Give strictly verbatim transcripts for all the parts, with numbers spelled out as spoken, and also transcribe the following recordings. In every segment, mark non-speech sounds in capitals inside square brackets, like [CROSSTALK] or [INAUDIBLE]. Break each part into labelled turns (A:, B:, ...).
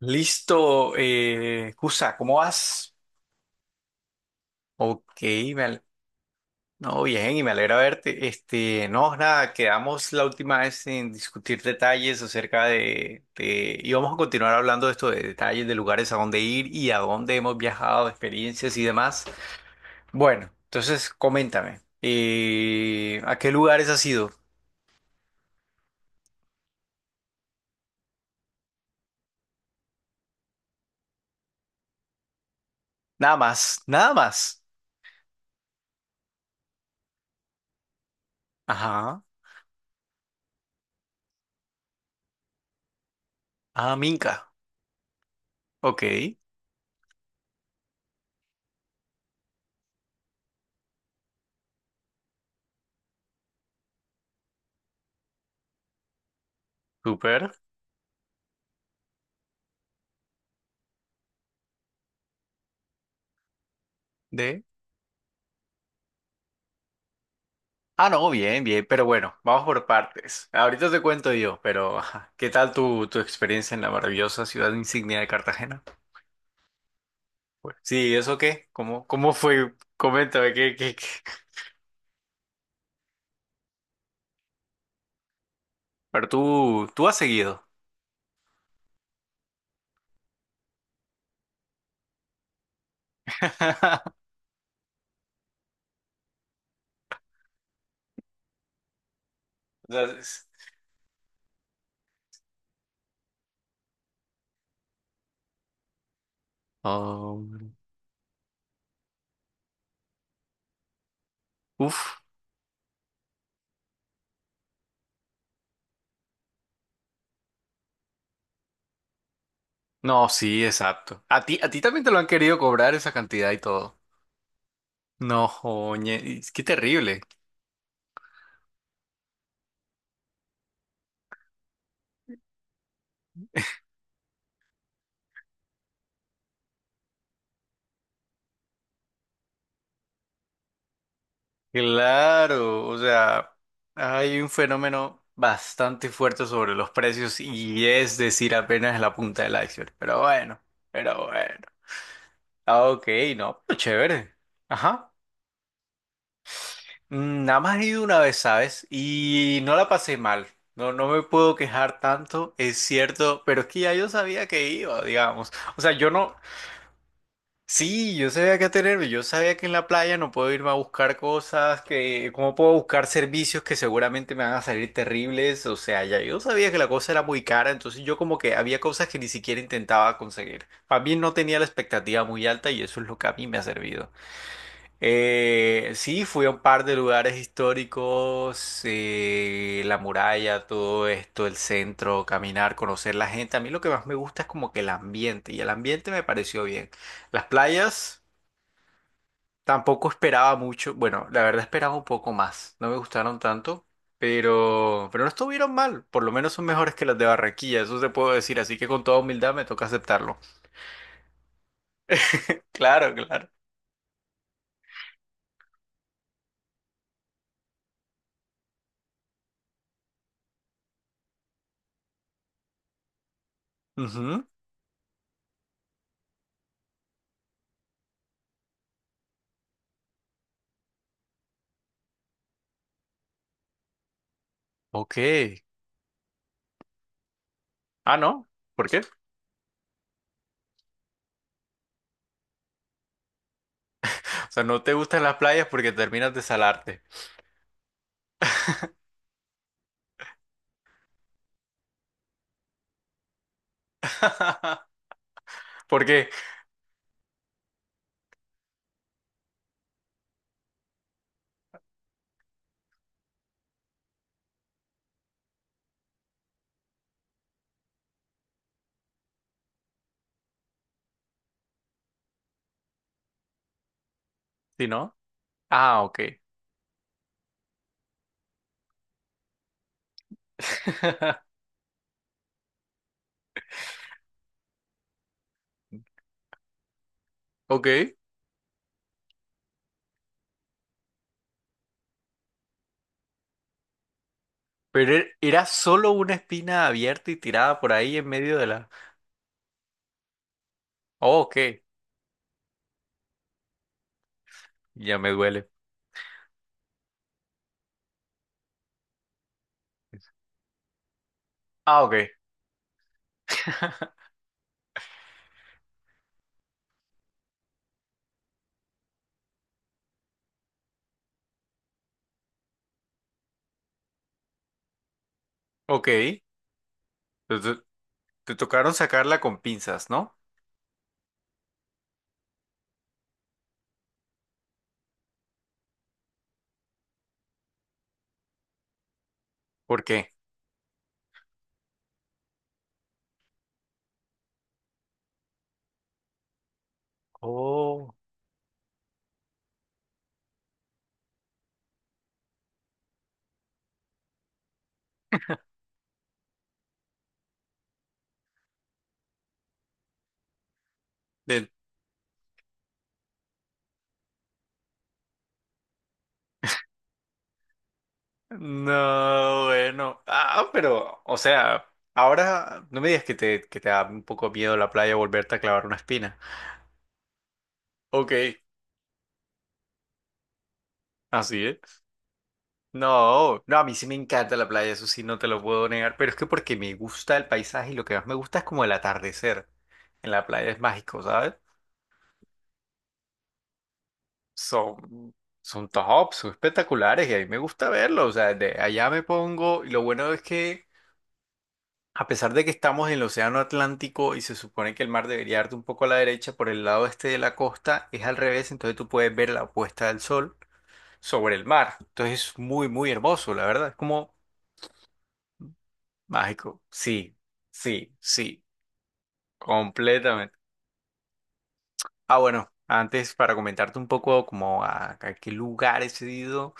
A: Listo, eh, Cusa, ¿cómo vas? Ok, me al- no, bien, y me alegra verte. Este, no, nada, quedamos la última vez en discutir detalles acerca de, de- y vamos a continuar hablando de esto, de detalles, de lugares a dónde ir y a dónde hemos viajado, experiencias y demás. Bueno, entonces, coméntame, eh, ¿a qué lugares has ido? Nada más, nada más. Ajá, ah, Minca, ok, súper. Ah, no, bien, bien, pero bueno, vamos por partes. Ahorita te cuento yo, pero ajá, ¿qué tal tu, tu experiencia en la maravillosa ciudad insignia de Cartagena? Pues, sí, ¿eso qué? ¿Cómo, cómo fue? Coméntame, ¿qué, qué, qué? Pero tú, tú has seguido. [LAUGHS] O sea, es- Oh, uf, no, sí, exacto. A ti, a ti también te lo han querido cobrar esa cantidad y todo. No, oye, qué terrible. Claro, o sea, hay un fenómeno bastante fuerte sobre los precios y es decir, apenas la punta del iceberg. Pero bueno, pero bueno. Ah, ok, no, pero chévere. Ajá. Mm, nada más he ido una vez, ¿sabes? Y no la pasé mal. No, no me puedo quejar tanto, es cierto, pero es que ya yo sabía que iba, digamos. O sea, yo no. Sí, yo sabía que atenerme, yo sabía que en la playa no puedo irme a buscar cosas, que cómo puedo buscar servicios que seguramente me van a salir terribles, o sea, ya yo sabía que la cosa era muy cara, entonces yo como que había cosas que ni siquiera intentaba conseguir. Más bien no tenía la expectativa muy alta y eso es lo que a mí me ha servido. Eh, sí, fui a un par de lugares históricos, eh, la muralla, todo esto, el centro, caminar, conocer la gente. A mí lo que más me gusta es como que el ambiente, y el ambiente me pareció bien. Las playas tampoco esperaba mucho, bueno, la verdad esperaba un poco más, no me gustaron tanto, pero, pero no estuvieron mal, por lo menos son mejores que las de Barranquilla, eso se puedo decir, así que con toda humildad me toca aceptarlo. Claro, claro. Ujú, ok. Ah, no, ¿por qué? O sea, no te gustan las playas porque terminas de salarte. [LAUGHS] ¿Por qué? Si no. Ah, ok. [LAUGHS] Ok. Pero er- era solo una espina abierta y tirada por ahí en medio de la. Oh, ok. Ya me duele. Ah, ok. [LAUGHS] Ok. Entonces, te tocaron sacarla con pinzas, ¿no? ¿Por qué? Oh. Del- No, bueno. Ah, pero, o sea, ahora no me digas que te, que te da un poco miedo la playa volverte a clavar una espina. Ok. Así es. No, no, a mí sí me encanta la playa, eso sí no te lo puedo negar, pero es que porque me gusta el paisaje y lo que más me gusta es como el atardecer. En la playa es mágico, ¿sabes? Son, son top, son espectaculares y a mí me gusta verlo, o sea, de allá me pongo y lo bueno es que a pesar de que estamos en el Océano Atlántico y se supone que el mar debería darte un poco a la derecha por el lado este de la costa, es al revés, entonces tú puedes ver la puesta del sol sobre el mar. Entonces es muy, muy hermoso, la verdad. Es como mágico, sí, sí, sí, completamente. Ah, bueno, antes para comentarte un poco como a, a qué lugares he ido,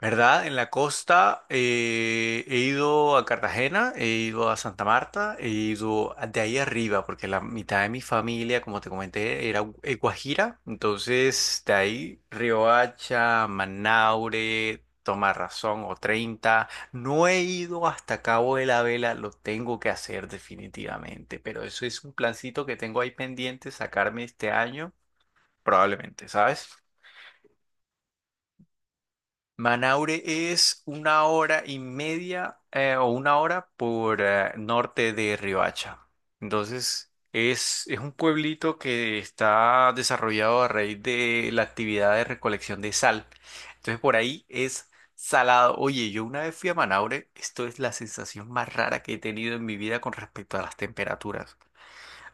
A: ¿verdad? En la costa eh, he ido a Cartagena, he ido a Santa Marta, he ido a- de ahí arriba, porque la mitad de mi familia, como te comenté, era gu- eh, Guajira. Entonces, de ahí Riohacha, Manaure, Tomarrazón o treinta. No he ido hasta Cabo de la Vela, lo tengo que hacer definitivamente, pero eso es un plancito que tengo ahí pendiente, sacarme este año, probablemente, ¿sabes? Manaure es una hora y media eh, o una hora por eh, norte de Riohacha. Entonces, es, es un pueblito que está desarrollado a raíz de la actividad de recolección de sal. Entonces, por ahí es salado. Oye, yo una vez fui a Manaure, esto es la sensación más rara que he tenido en mi vida con respecto a las temperaturas.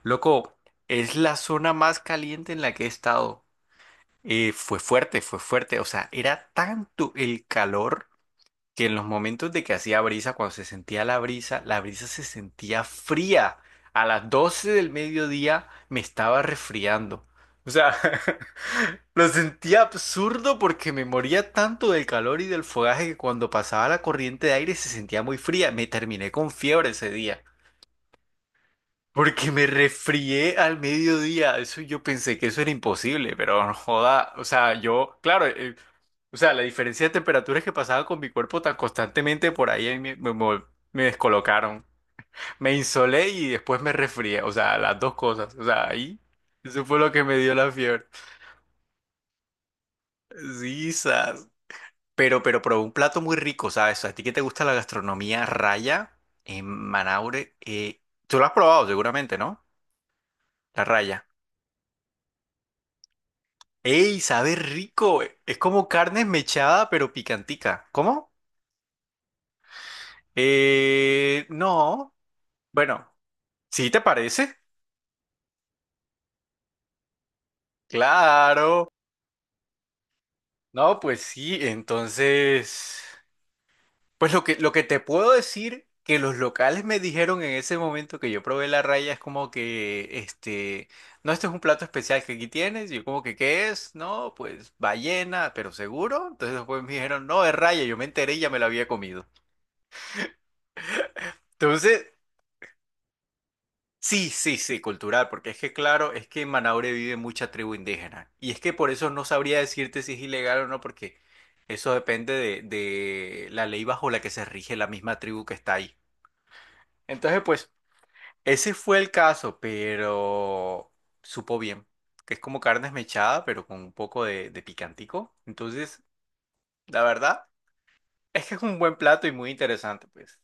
A: Loco, es la zona más caliente en la que he estado. Eh, fue fuerte, fue fuerte. O sea, era tanto el calor que en los momentos de que hacía brisa, cuando se sentía la brisa, la brisa se sentía fría. A las doce del mediodía me estaba resfriando. O sea, [LAUGHS] lo sentía absurdo porque me moría tanto del calor y del fogaje que cuando pasaba la corriente de aire se sentía muy fría. Me terminé con fiebre ese día. Porque me resfrié al mediodía. Eso yo pensé que eso era imposible, pero no joda. O sea, yo, claro, eh, o sea, la diferencia de temperaturas que pasaba con mi cuerpo tan constantemente por ahí me, me, me- me descolocaron. Me insolé y después me resfrié. O sea, las dos cosas. O sea, ahí, eso fue lo que me dio la fiebre. Sí, sas. Pero, pero, pero un plato muy rico, ¿sabes? A ti que te gusta la gastronomía raya en Manaure, eh, tú lo has probado seguramente, ¿no? La raya. ¡Ey! Sabe rico. Eh. Es como carne mechada, pero picantica. ¿Cómo? Eh, no. Bueno, ¿sí te parece? Claro. No, pues sí. Entonces, pues lo que, lo que te puedo decir que los locales me dijeron en ese momento que yo probé la raya es como que, este, no, este es un plato especial que aquí tienes. Y yo como que, ¿qué es? No, pues ballena, pero seguro. Entonces después me dijeron, no, es raya. Yo me enteré y ya me la había comido. Entonces... Sí, sí, sí, cultural, porque es que claro, es que en Manaure vive mucha tribu indígena. Y es que por eso no sabría decirte si es ilegal o no, porque eso depende de, de la ley bajo la que se rige la misma tribu que está ahí. Entonces, pues, ese fue el caso, pero supo bien, que es como carne esmechada, pero con un poco de, de picantico. Entonces, la verdad, es que es un buen plato y muy interesante, pues.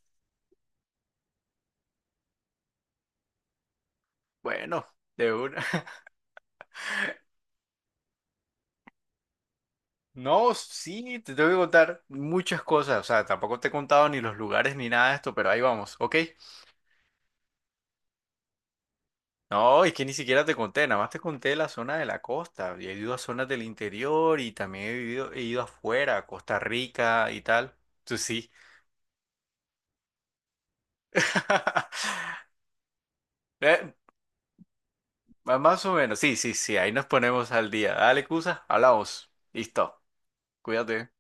A: Bueno, de una. No, sí, te tengo que contar muchas cosas. O sea, tampoco te he contado ni los lugares ni nada de esto, pero ahí vamos. Ok. No, es que ni siquiera te conté, nada más te conté la zona de la costa. Y he ido a zonas del interior y también he vivido, he ido afuera, a Costa Rica y tal. Tú sí. [LAUGHS] Eh, más o menos, sí, sí, sí, ahí nos ponemos al día. Dale, Cusa, hablamos. Listo, cuídate.